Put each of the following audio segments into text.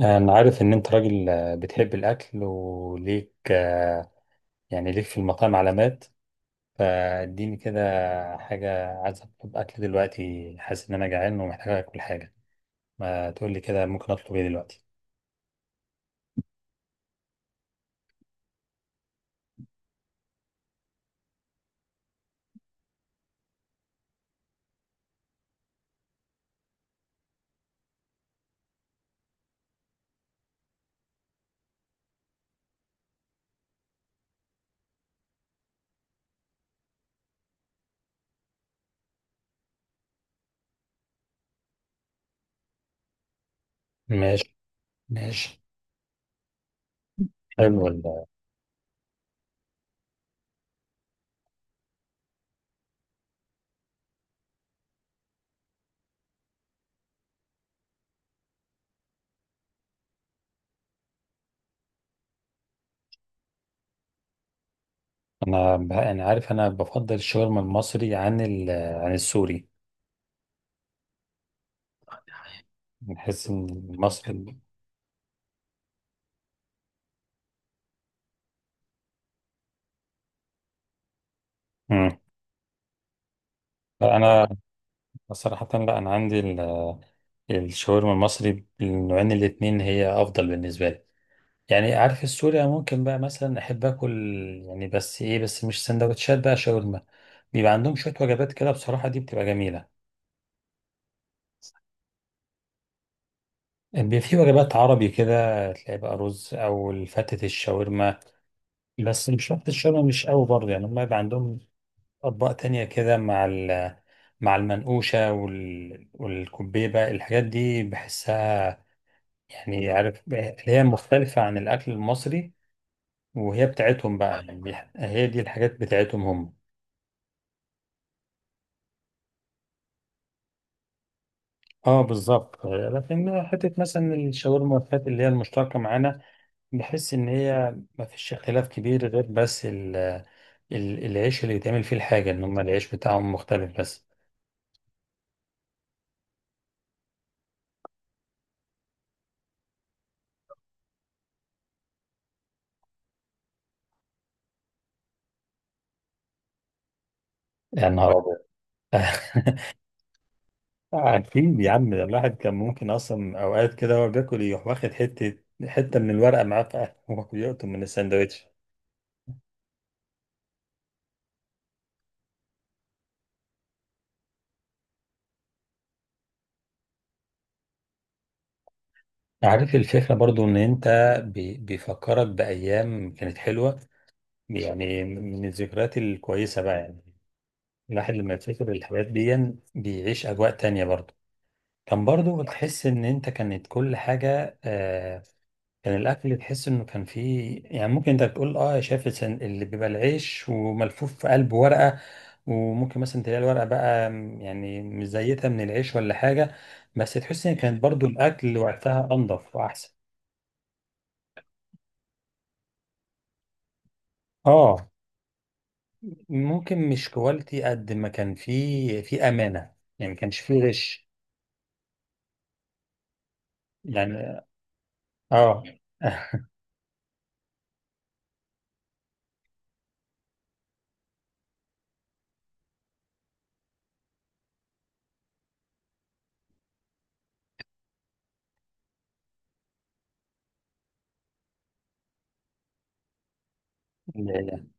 أنا عارف إن أنت راجل بتحب الأكل وليك يعني ليك في المطاعم علامات فاديني كده. حاجة عايز أطلب أكل دلوقتي، حاسس إن أنا جعان ومحتاج آكل حاجة. ما تقولي كده، ممكن أطلب إيه دلوقتي؟ ماشي. ماشي. حلو. أنا بفضل الشاورما المصري عن السوري. بحس إن المصري. مم. فأنا صراحة لا، أنا عندي الشاورما المصري بالنوعين الاتنين هي أفضل بالنسبة لي. يعني عارف، السوريا ممكن بقى مثلا احب اكل، يعني بس ايه، بس مش سندوتشات بقى شاورما. بيبقى عندهم شويه وجبات كده بصراحه دي بتبقى جميله. بيبقى في وجبات عربي كده، تلاقي بقى رز او فتة الشاورما، بس مش فتة الشاورما، مش قوي برضه. يعني هم يبقى عندهم اطباق تانية كده مع ال مع المنقوشه وال والكبيبه الحاجات دي بحسها يعني عارف اللي هي مختلفه عن الاكل المصري، وهي بتاعتهم بقى. يعني هي دي الحاجات بتاعتهم هم. اه بالظبط. لكن حته مثلا الشاورما والفات، اللي هي المشتركه معانا، بحس ان هي ما فيش اختلاف كبير غير بس ال العيش اللي بيتعمل فيه الحاجه، ان هم العيش بتاعهم مختلف بس. يا نهار ابيض. عارفين يا عم، ده الواحد كان ممكن اصلا اوقات كده وهو بياكل يروح واخد حته من الورقه معاه في قلبه وهو بيقطم من الساندوتش. عارف الفكرة برضو، ان انت بيفكرك بأيام كانت حلوة، يعني من الذكريات الكويسة بقى يعني. الواحد لما يفتكر الحاجات دي بيعيش أجواء تانية برضه. كان برضه تحس إن أنت كانت كل حاجة آه. كان الأكل تحس إنه كان فيه، يعني ممكن أنت بتقول، أه شايف اللي بيبقى العيش وملفوف في قلب ورقة، وممكن مثلا تلاقي الورقة بقى يعني مزيتها من العيش ولا حاجة، بس تحس إن كانت برضه الأكل وقتها أنضف وأحسن. أه. ممكن مش كواليتي قد ما كان فيه في أمانة، يعني ما كانش فيه غش. يعني. أه.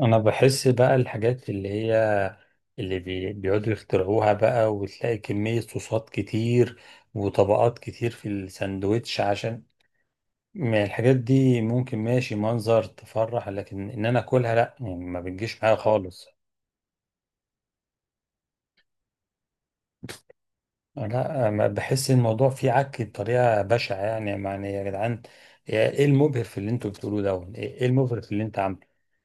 انا بحس بقى الحاجات اللي هي اللي بيقعدوا يخترعوها بقى، وتلاقي كمية صوصات كتير وطبقات كتير في الساندوتش، عشان ما الحاجات دي ممكن ماشي منظر تفرح، لكن ان انا اكلها لا، يعني ما بتجيش معايا خالص. لا، ما بحس الموضوع فيه عك بطريقة بشعة. يعني يعني يا جدعان، ايه المبهر في اللي انتوا بتقولوه ده؟ ايه المبهر في اللي انت عامله؟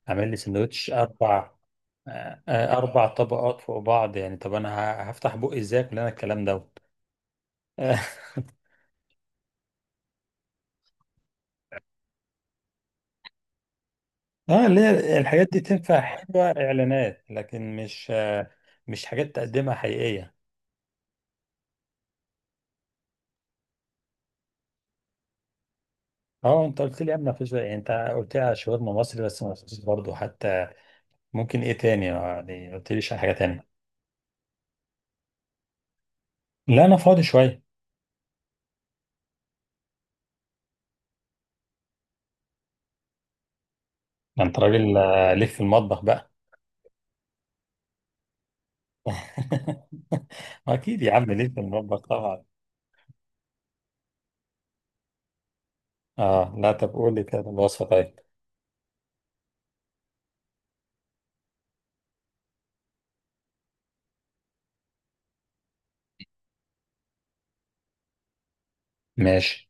عامل لي ساندوتش اربع، اربع طبقات فوق بعض. يعني طب انا هفتح بقي ازاي؟ كل انا الكلام دوت. اه. اللي هي الحاجات دي تنفع حلوه اعلانات، لكن مش مش حاجات تقدمها حقيقيه. اه انت قلت لي قبل مفيش، يعني انت قلت لي على شاورما مصري، بس ما قلتليش برضه حتى ممكن ايه تاني يعني ما قلتليش على حاجه تانية. لا انا فاضي شويه. ما انت راجل ليك في المطبخ بقى. اكيد يا عم، ليك في المطبخ طبعا. اه لا، طب قول لي كده الوصفه طيب. ماشي.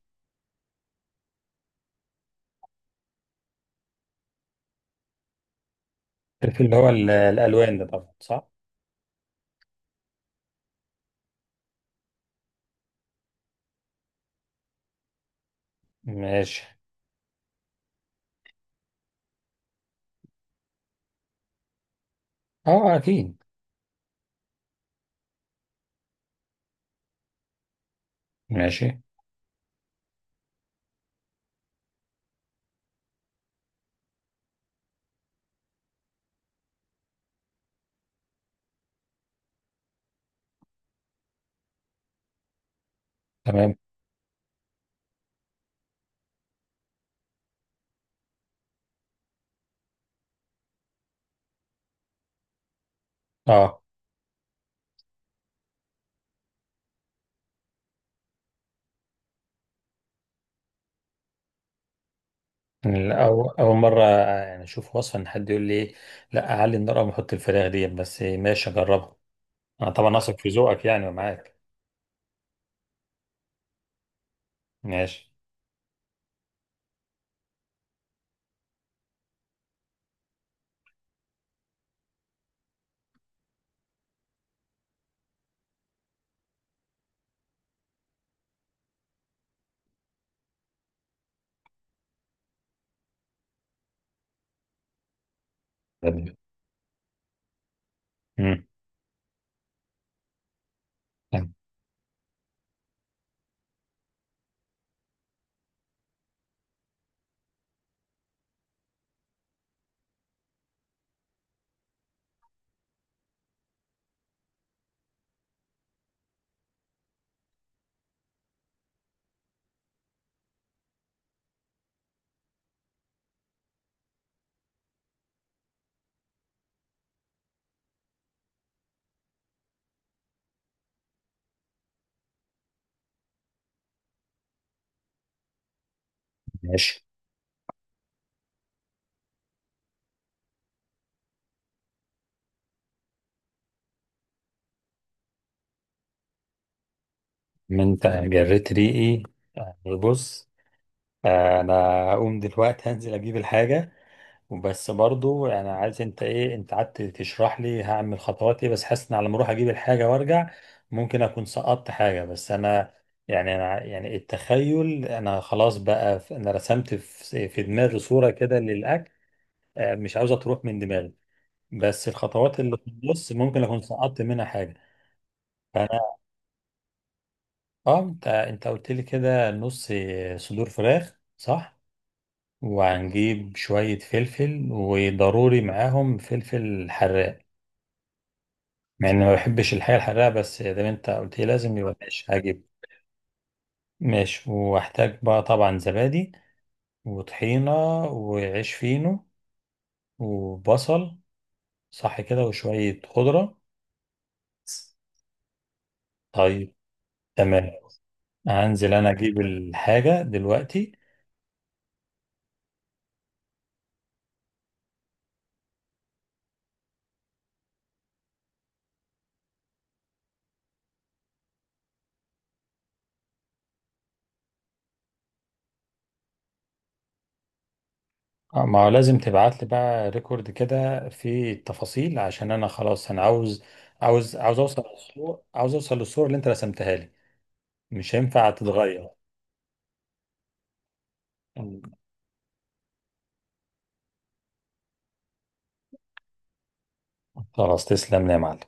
في اللي هو الالوان ده طبعا، صح. ماشي. اه اكيد. ماشي. تمام. اه الأول، أول مرة يعني أشوف وصفة إن حد يقول لي لا أعلي النار أو أحط الفراخ دي، بس ماشي أجربها. أنا طبعا أثق في ذوقك يعني، ومعاك. ماشي. تمام. مم. تمام. ماشي. ما أنت جريت ريقي. يعني بص، أنا هقوم دلوقتي هنزل أجيب الحاجة. وبس برضو، يعني عايز انت ايه، انت قعدت تشرح لي هعمل خطوات ايه، بس حاسس ان على ما اروح اجيب الحاجه وارجع ممكن اكون سقطت حاجه. بس انا يعني انا يعني التخيل، انا خلاص بقى انا رسمت في دماغي صوره كده للاكل، مش عاوزه تروح من دماغي، بس الخطوات اللي في النص ممكن اكون سقطت منها حاجه. فانا اه، انت قلت لي كده نص صدور فراخ، صح؟ وهنجيب شويه فلفل، وضروري معاهم فلفل حراق. مع اني ما بحبش الحاجه الحراقه، بس زي ما انت قلت لي لازم يبقى ماشي هجيب. ماشي. واحتاج بقى طبعا زبادي، وطحينه، وعيش فينو، وبصل. صح كده؟ وشويه خضره. طيب. تمام. هنزل انا اجيب الحاجه دلوقتي. ما هو لازم تبعت لي بقى ريكورد كده في التفاصيل، عشان انا خلاص انا عاوز، عاوز عاوز اوصل للصور اللي انت رسمتها لي، مش هينفع تتغير. خلاص، تسلم لي يا معلم.